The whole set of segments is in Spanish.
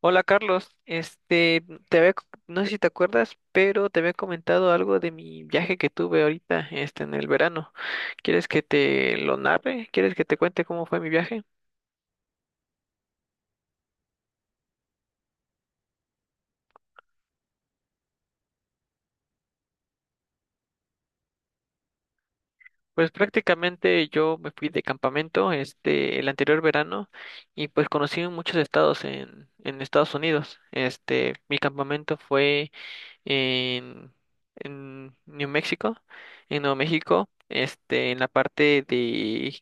Hola Carlos, te había, no sé si te acuerdas, pero te había comentado algo de mi viaje que tuve ahorita, en el verano. ¿Quieres que te lo narre? ¿Quieres que te cuente cómo fue mi viaje? Pues prácticamente yo me fui de campamento, el anterior verano y pues conocí muchos estados en Estados Unidos. Mi campamento fue en, en New México, en Nuevo México, en la parte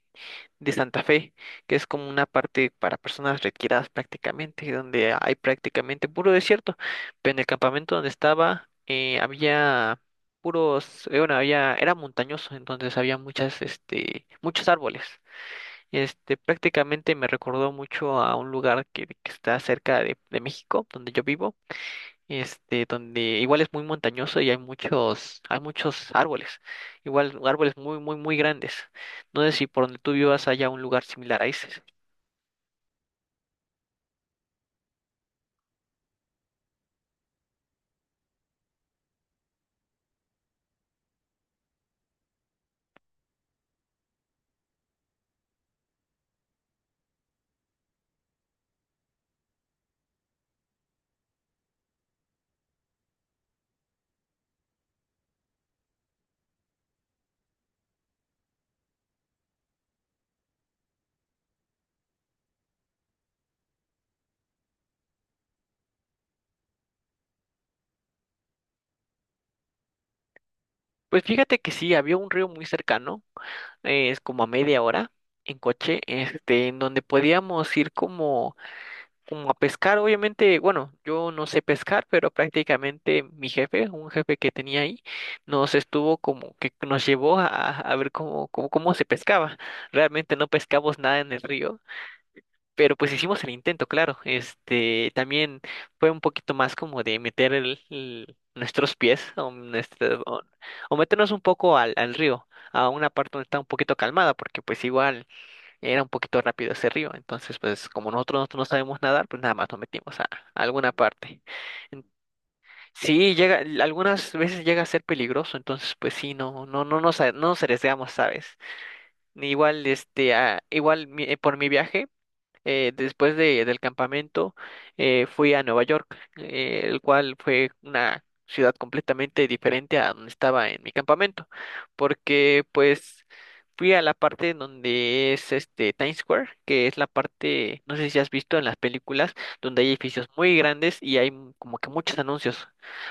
de Santa Fe, que es como una parte para personas retiradas prácticamente, donde hay prácticamente puro desierto. Pero en el campamento donde estaba había puros, bueno, había, era montañoso, entonces había muchas, muchos árboles. Prácticamente me recordó mucho a un lugar que está cerca de México, donde yo vivo donde igual es muy montañoso y hay muchos árboles, igual árboles muy, muy, muy grandes. No sé si por donde tú vivas haya un lugar similar a ese. Pues fíjate que sí, había un río muy cercano, es como a media hora en coche, en donde podíamos ir como, como a pescar. Obviamente, bueno, yo no sé pescar, pero prácticamente mi jefe, un jefe que tenía ahí, nos estuvo como que nos llevó a ver cómo, cómo se pescaba. Realmente no pescamos nada en el río. Pero pues hicimos el intento, claro. Este también fue un poquito más como de meter nuestros pies o, o meternos un poco al río, a una parte donde está un poquito calmada, porque pues igual era un poquito rápido ese río. Entonces, pues como nosotros no sabemos nadar, pues nada más nos metimos a alguna parte. En- Sí, llega, algunas veces llega a ser peligroso, entonces pues sí, no, no nos, no nos arriesgamos, ¿sabes? Igual, ah, igual por mi viaje. Después del campamento fui a Nueva York, el cual fue una ciudad completamente diferente a donde estaba en mi campamento, porque pues fui a la parte en donde es este Times Square, que es la parte, no sé si has visto en las películas, donde hay edificios muy grandes y hay como que muchos anuncios,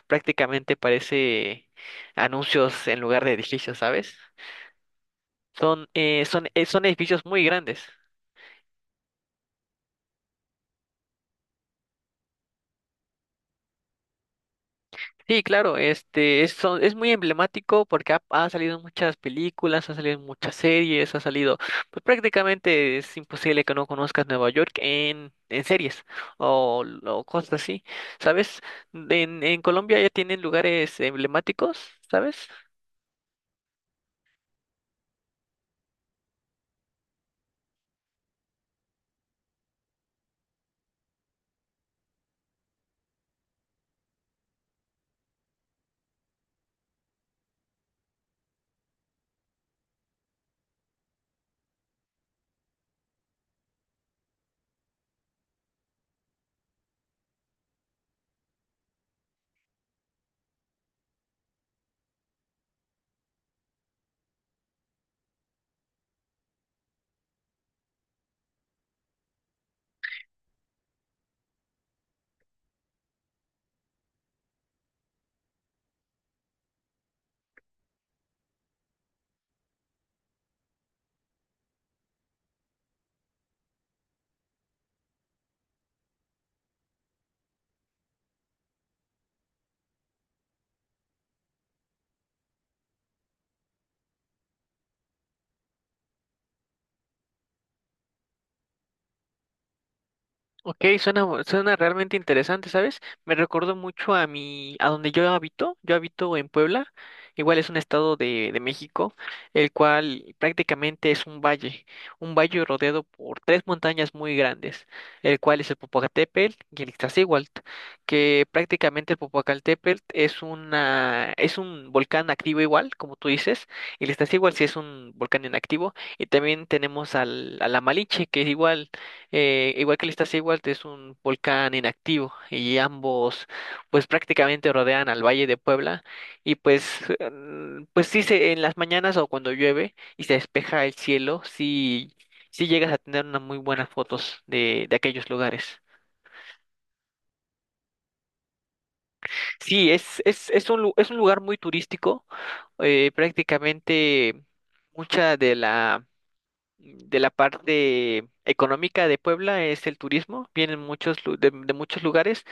prácticamente parece anuncios en lugar de edificios, ¿sabes? Son, son edificios muy grandes. Sí, claro, es muy emblemático porque ha salido en muchas películas, ha salido en muchas series, ha salido, pues prácticamente es imposible que no conozcas Nueva York en series o cosas así, ¿sabes? En Colombia ya tienen lugares emblemáticos, ¿sabes? Ok, suena realmente interesante, ¿sabes? Me recordó mucho a a donde yo habito. Yo habito en Puebla, igual es un estado de México, el cual prácticamente es un valle rodeado por tres montañas muy grandes, el cual es el Popocatépetl y el Iztaccíhuatl, que prácticamente el Popocatépetl es un volcán activo igual, como tú dices, y el Iztaccíhuatl sí es un volcán inactivo, y también tenemos a la Malinche, que es igual igual que el Iztaccíhuatl es un volcán inactivo y ambos pues prácticamente rodean al Valle de Puebla y pues pues en las mañanas o cuando llueve y se despeja el cielo sí llegas a tener unas muy buenas fotos de aquellos lugares. Sí, es un es un lugar muy turístico, prácticamente mucha de la parte económica de Puebla es el turismo, vienen muchos de muchos lugares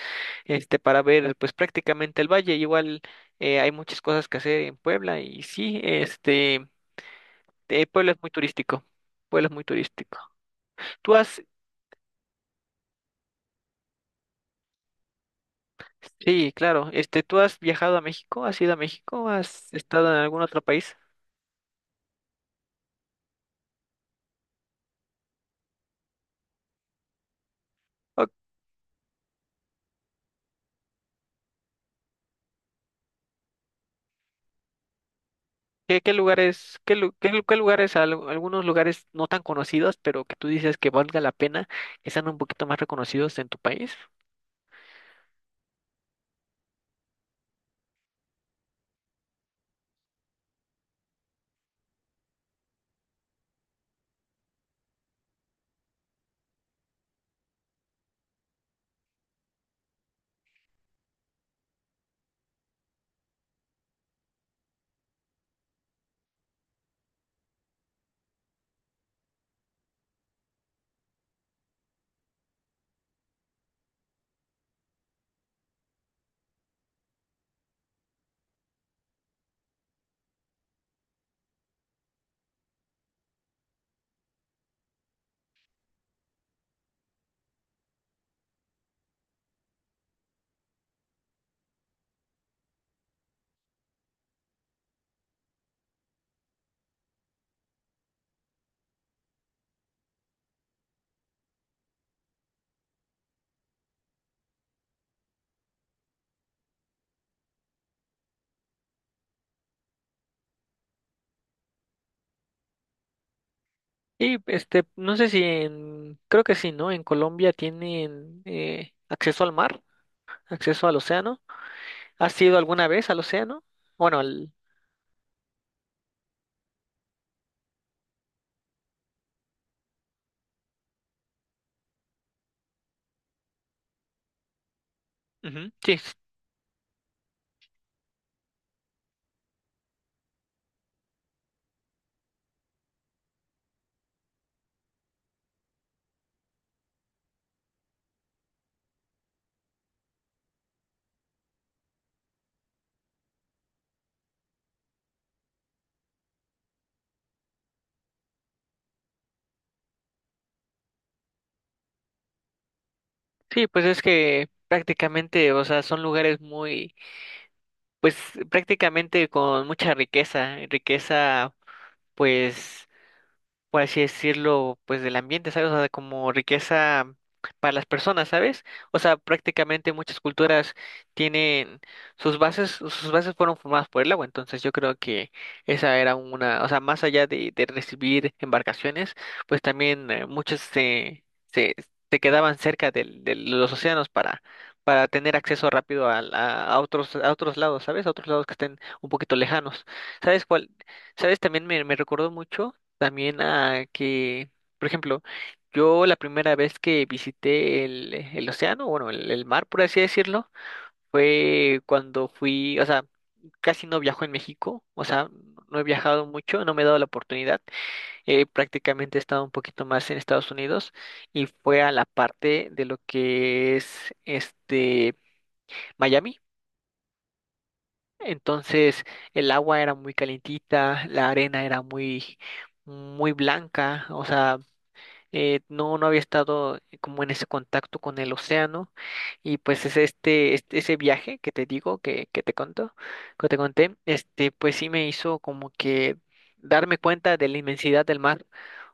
para ver pues prácticamente el valle. Igual hay muchas cosas que hacer en Puebla y sí, Puebla es muy turístico. Puebla es muy turístico. ¿Tú has, sí, claro, ¿tú has viajado a México? ¿Has ido a México? ¿Has estado en algún otro país? ¿O ¿Qué, qué lugares, qué, lu- qué, lu- qué lugares, algunos lugares no tan conocidos, pero que tú dices que valga la pena, que sean un poquito más reconocidos en tu país? Y no sé si en, creo que sí, ¿no? En Colombia tienen acceso al mar, acceso al océano. ¿Has ido alguna vez al océano? Bueno, al... Ujú, sí, sí, pues es que prácticamente, o sea, son lugares muy, pues prácticamente con mucha riqueza, riqueza, pues por así decirlo, pues del ambiente, ¿sabes? O sea, como riqueza para las personas, ¿sabes? O sea, prácticamente muchas culturas tienen sus bases fueron formadas por el agua, entonces yo creo que esa era una, o sea, más allá de recibir embarcaciones, pues también muchos se, se quedaban cerca los océanos para tener acceso rápido a otros lados, ¿sabes? A otros lados que estén un poquito lejanos. ¿Sabes cuál? ¿Sabes? También me recordó mucho también a que, por ejemplo, yo la primera vez que visité el océano, bueno, el mar, por así decirlo, fue cuando fui, o sea, casi no viajo en México, o sea, no he viajado mucho, no me he dado la oportunidad, prácticamente he estado un poquito más en Estados Unidos y fue a la parte de lo que es este Miami. Entonces el agua era muy calientita, la arena era muy, muy blanca, o sea, no, no había estado como en ese contacto con el océano y pues es ese viaje que te digo, que te conto, que te conté, pues sí me hizo como que darme cuenta de la inmensidad del mar.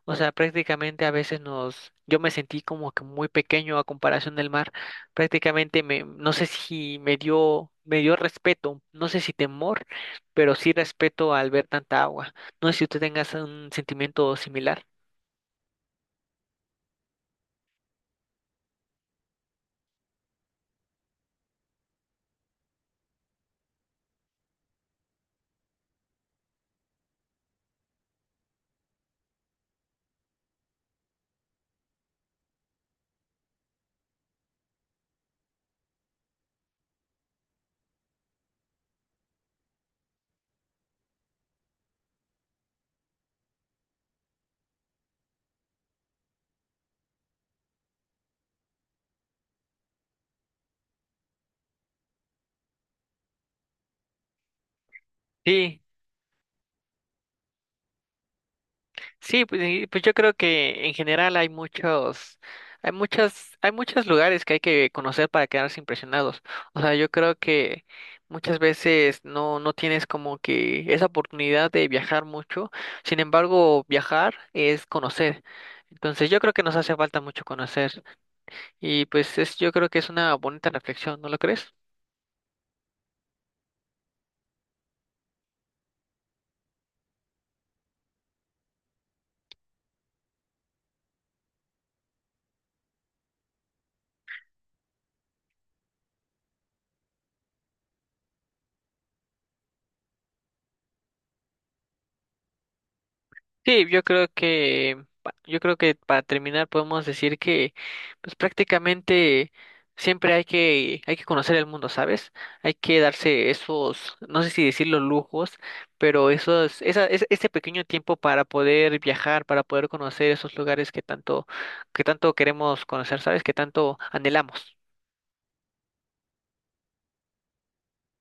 O sea, prácticamente a veces yo me sentí como que muy pequeño a comparación del mar. Prácticamente no sé si me dio, me dio respeto, no sé si temor, pero sí respeto al ver tanta agua. No sé si usted tenga un sentimiento similar. Sí. Sí, pues, pues yo creo que en general hay muchos, hay muchas, hay muchos lugares que hay que conocer para quedarse impresionados. O sea, yo creo que muchas veces no, no tienes como que esa oportunidad de viajar mucho. Sin embargo, viajar es conocer. Entonces yo creo que nos hace falta mucho conocer. Y pues es, yo creo que es una bonita reflexión, ¿no lo crees? Sí, yo creo que, yo creo que para terminar podemos decir que, pues prácticamente siempre hay que conocer el mundo, ¿sabes? Hay que darse esos, no sé si decirlo lujos, pero esos, ese pequeño tiempo para poder viajar, para poder conocer esos lugares que tanto queremos conocer, ¿sabes? Que tanto anhelamos.